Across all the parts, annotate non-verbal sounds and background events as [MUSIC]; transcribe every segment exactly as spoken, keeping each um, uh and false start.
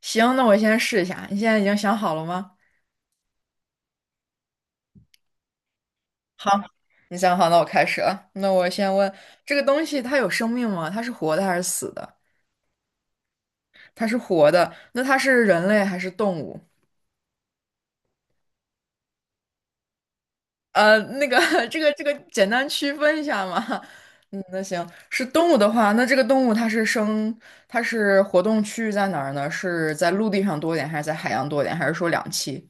行，那我先试一下。你现在已经想好了吗？好，你想好，那我开始了。那我先问，这个东西它有生命吗？它是活的还是死的？它是活的，那它是人类还是动物？呃，那个，[LAUGHS] 这个，这个简单区分一下嘛。嗯，那行，是动物的话，那这个动物它是生，它是活动区域在哪儿呢？是在陆地上多一点，还是在海洋多一点，还是说两栖？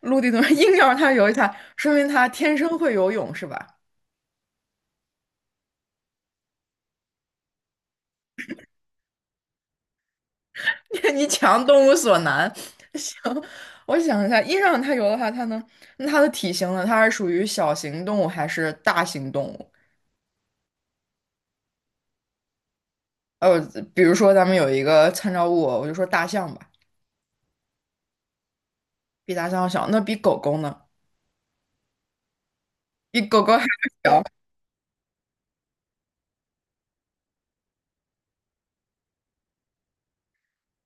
陆地的 [LAUGHS] 硬要让它游一下，说明它天生会游泳是吧？[LAUGHS] 你强动物所难，[LAUGHS] 行，我想一下，印上它有的话，它能，那它的体型呢？它是属于小型动物还是大型动物？呃，比如说咱们有一个参照物，我就说大象吧，比大象要小，那比狗狗呢？比狗狗还要小。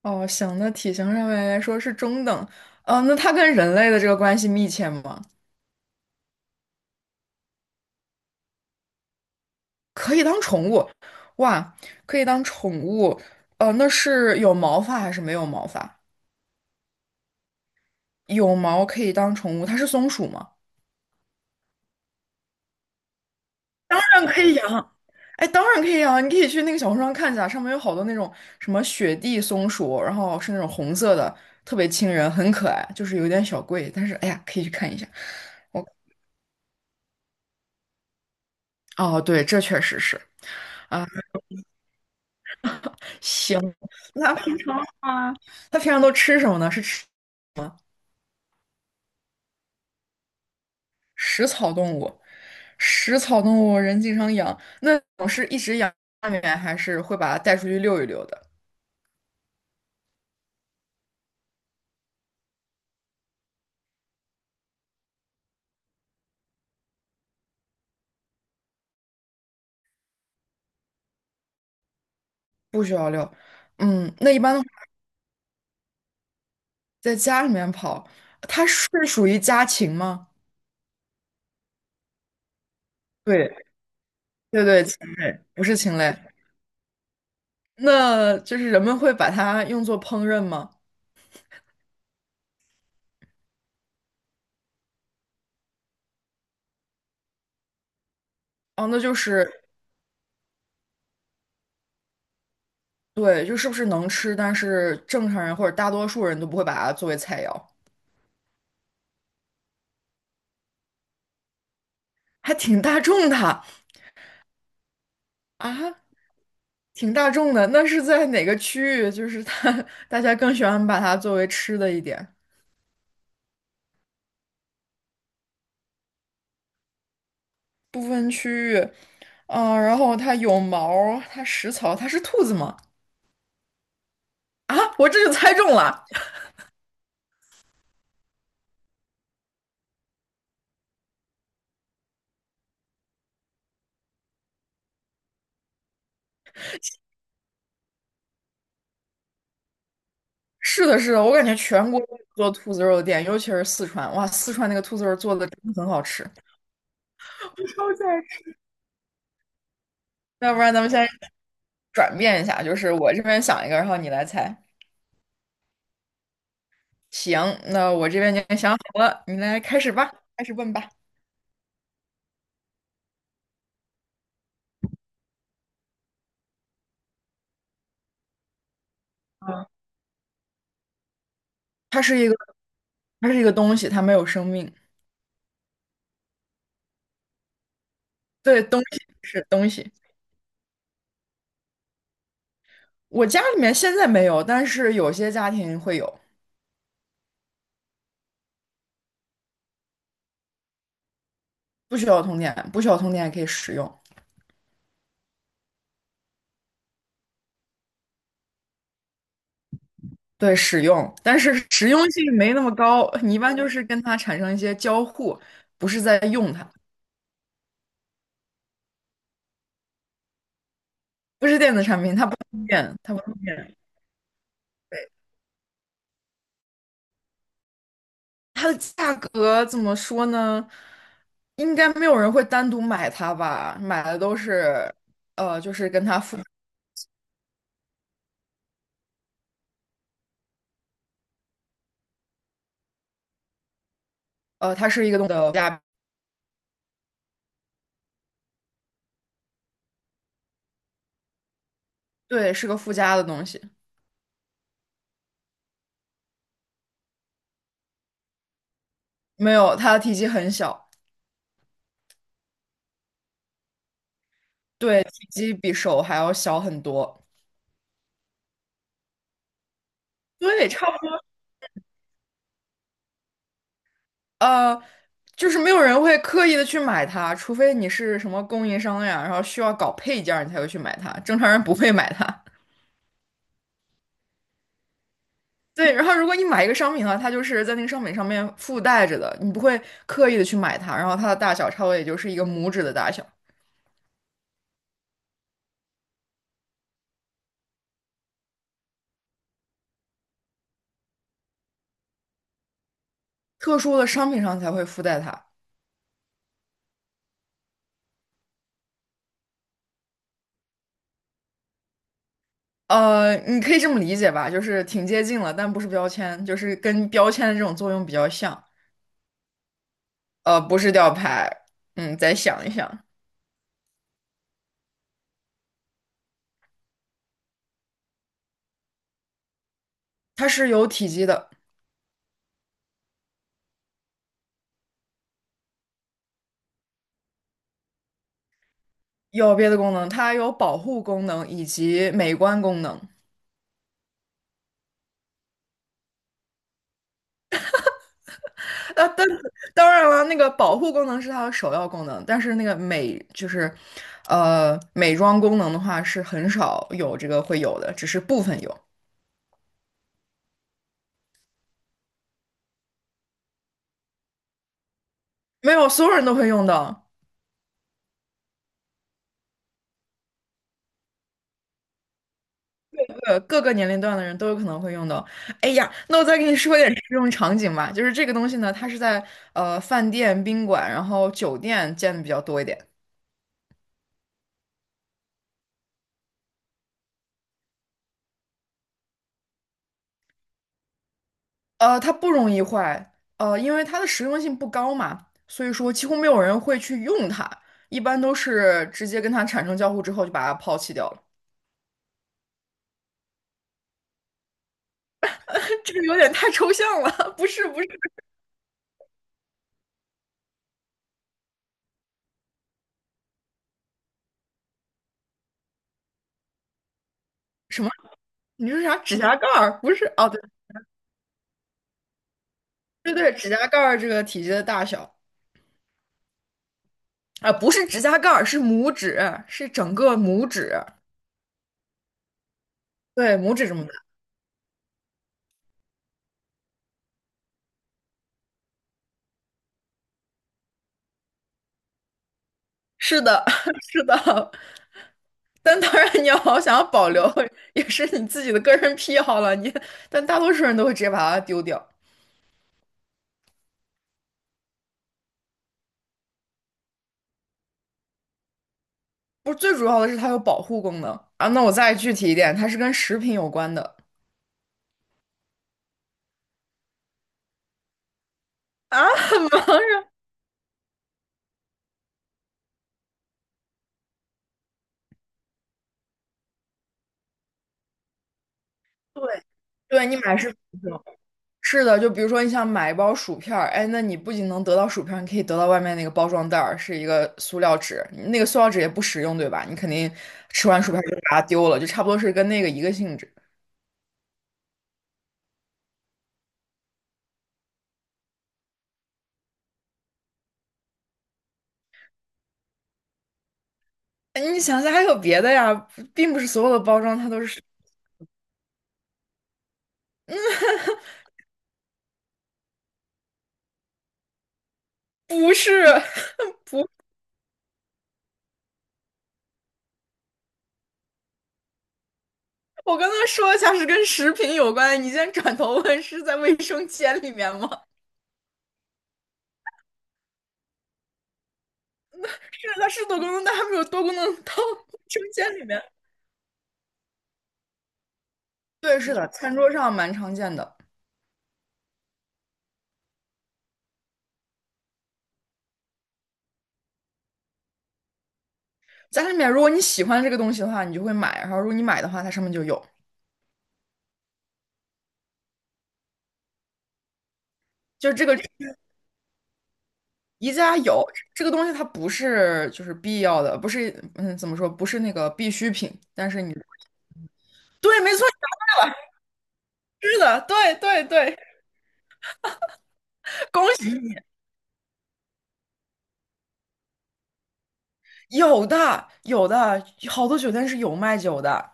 哦，行，那体型上面来说是中等。呃，那它跟人类的这个关系密切吗？可以当宠物，哇，可以当宠物。呃，那是有毛发还是没有毛发？有毛可以当宠物，它是松鼠吗？当然可以养，哎，当然可以养，你可以去那个小红书上看一下，上面有好多那种什么雪地松鼠，然后是那种红色的，特别亲人，很可爱，就是有点小贵，但是哎呀，可以去看一下。我哦，对，这确实是啊。行，那它平常都吃什么呢？是吃食草动物，食草动物人经常养，那种是一直养家里面，还是会把它带出去遛一遛的？不需要遛，嗯，那一般的。在家里面跑，它是属于家禽吗？对，对对，禽类，不是禽类。那就是人们会把它用作烹饪吗？哦，那就是对，就是不是能吃，但是正常人或者大多数人都不会把它作为菜肴，还挺大众的啊，挺大众的。那是在哪个区域？就是它，[LAUGHS] 大家更喜欢把它作为吃的一点，部分区域。嗯、然后它有毛儿它食草，它是兔子吗？啊，我这就猜中了。是的，是的，我感觉全国都有做兔子肉的店，尤其是四川，哇，四川那个兔子肉做的真的很好吃。[LAUGHS] 超级爱吃。要不然咱们先转变一下，就是我这边想一个，然后你来猜。行，那我这边已经想好了，你来开始吧，开始问吧。它是一个，它是一个东西，它没有生命。对，东西是东西。我家里面现在没有，但是有些家庭会有，不需要通电，不需要通电也可以使用。对，使用，但是实用性没那么高。你一般就是跟它产生一些交互，不是在用它。不是电子产品，它不通电，它不通电。对，它的价格怎么说呢？应该没有人会单独买它吧？买的都是，呃，就是跟它附，呃，它是一个东的附加，对，是个附加的东西。没有，它的体积很小。对，体积比手还要小很多。对，差不呃，就是没有人会刻意的去买它，除非你是什么供应商呀，然后需要搞配件儿，你才会去买它，正常人不会买它。对，然后如果你买一个商品的话，它就是在那个商品上面附带着的，你不会刻意的去买它，然后它的大小差不多也就是一个拇指的大小。特殊的商品上才会附带它。呃，你可以这么理解吧，就是挺接近了，但不是标签，就是跟标签的这种作用比较像。呃，不是吊牌，嗯，再想一想，它是有体积的。有别的功能，它有保护功能以及美观功能。啊，当当然了，那个保护功能是它的首要功能，但是那个美就是，呃，美妆功能的话是很少有这个会有的，只是部分有，没有所有人都会用到。呃，各个年龄段的人都有可能会用到。哎呀，那我再给你说一点实用场景吧，就是这个东西呢，它是在呃饭店、宾馆，然后酒店见的比较多一点。呃，它不容易坏，呃，因为它的实用性不高嘛，所以说几乎没有人会去用它，一般都是直接跟它产生交互之后就把它抛弃掉了。[LAUGHS] 这个有点太抽象了，[LAUGHS] 不是不是。什么？你说啥？指甲盖儿？不是哦，对对对，指甲盖儿这个体积的大小啊，不是指甲盖儿，是拇指，是整个拇指。对，拇指这么大。是的，[LAUGHS] 是的，但当然，你要想要保留，也是你自己的个人癖好了。你，但大多数人都会直接把它丢掉。不是，最主要的是它有保护功能啊。那我再具体一点，它是跟食品有关的啊。对，对你买是是的，就比如说你想买一包薯片儿，哎，那你不仅能得到薯片儿，你可以得到外面那个包装袋儿，是一个塑料纸，那个塑料纸也不实用，对吧？你肯定吃完薯片儿就把它丢了，就差不多是跟那个一个性质。哎你想想还有别的呀，并不是所有的包装它都是。不是，不，我刚刚说一下是跟食品有关，你现在转头问是在卫生间里面吗？是，它是多功能，但它没有多功能到卫生间里面。对，是的，餐桌上蛮常见的。家里面，如果你喜欢这个东西的话，你就会买，然后如果你买的话，它上面就有，就这个宜家有这个东西，它不是就是必要的，不是嗯怎么说，不是那个必需品，但是你对，没错，是的，对对对，恭喜。有的，有的，好多酒店是有卖酒的。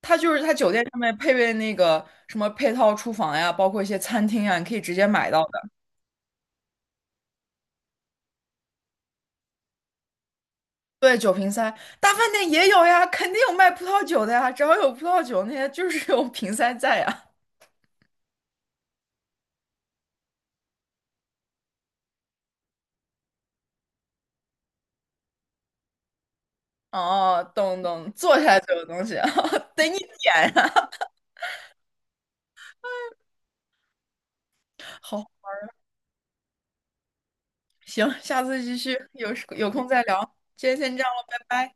它就是它酒店上面配备那个什么配套厨房呀，包括一些餐厅呀，你可以直接买到的。对，酒瓶塞，大饭店也有呀，肯定有卖葡萄酒的呀。只要有葡萄酒，那些就是有瓶塞在呀。哦，懂懂，坐下来就有东西，[LAUGHS] 得你点呀。好，行，下次继续，有有空再聊。今天先这样了，拜拜。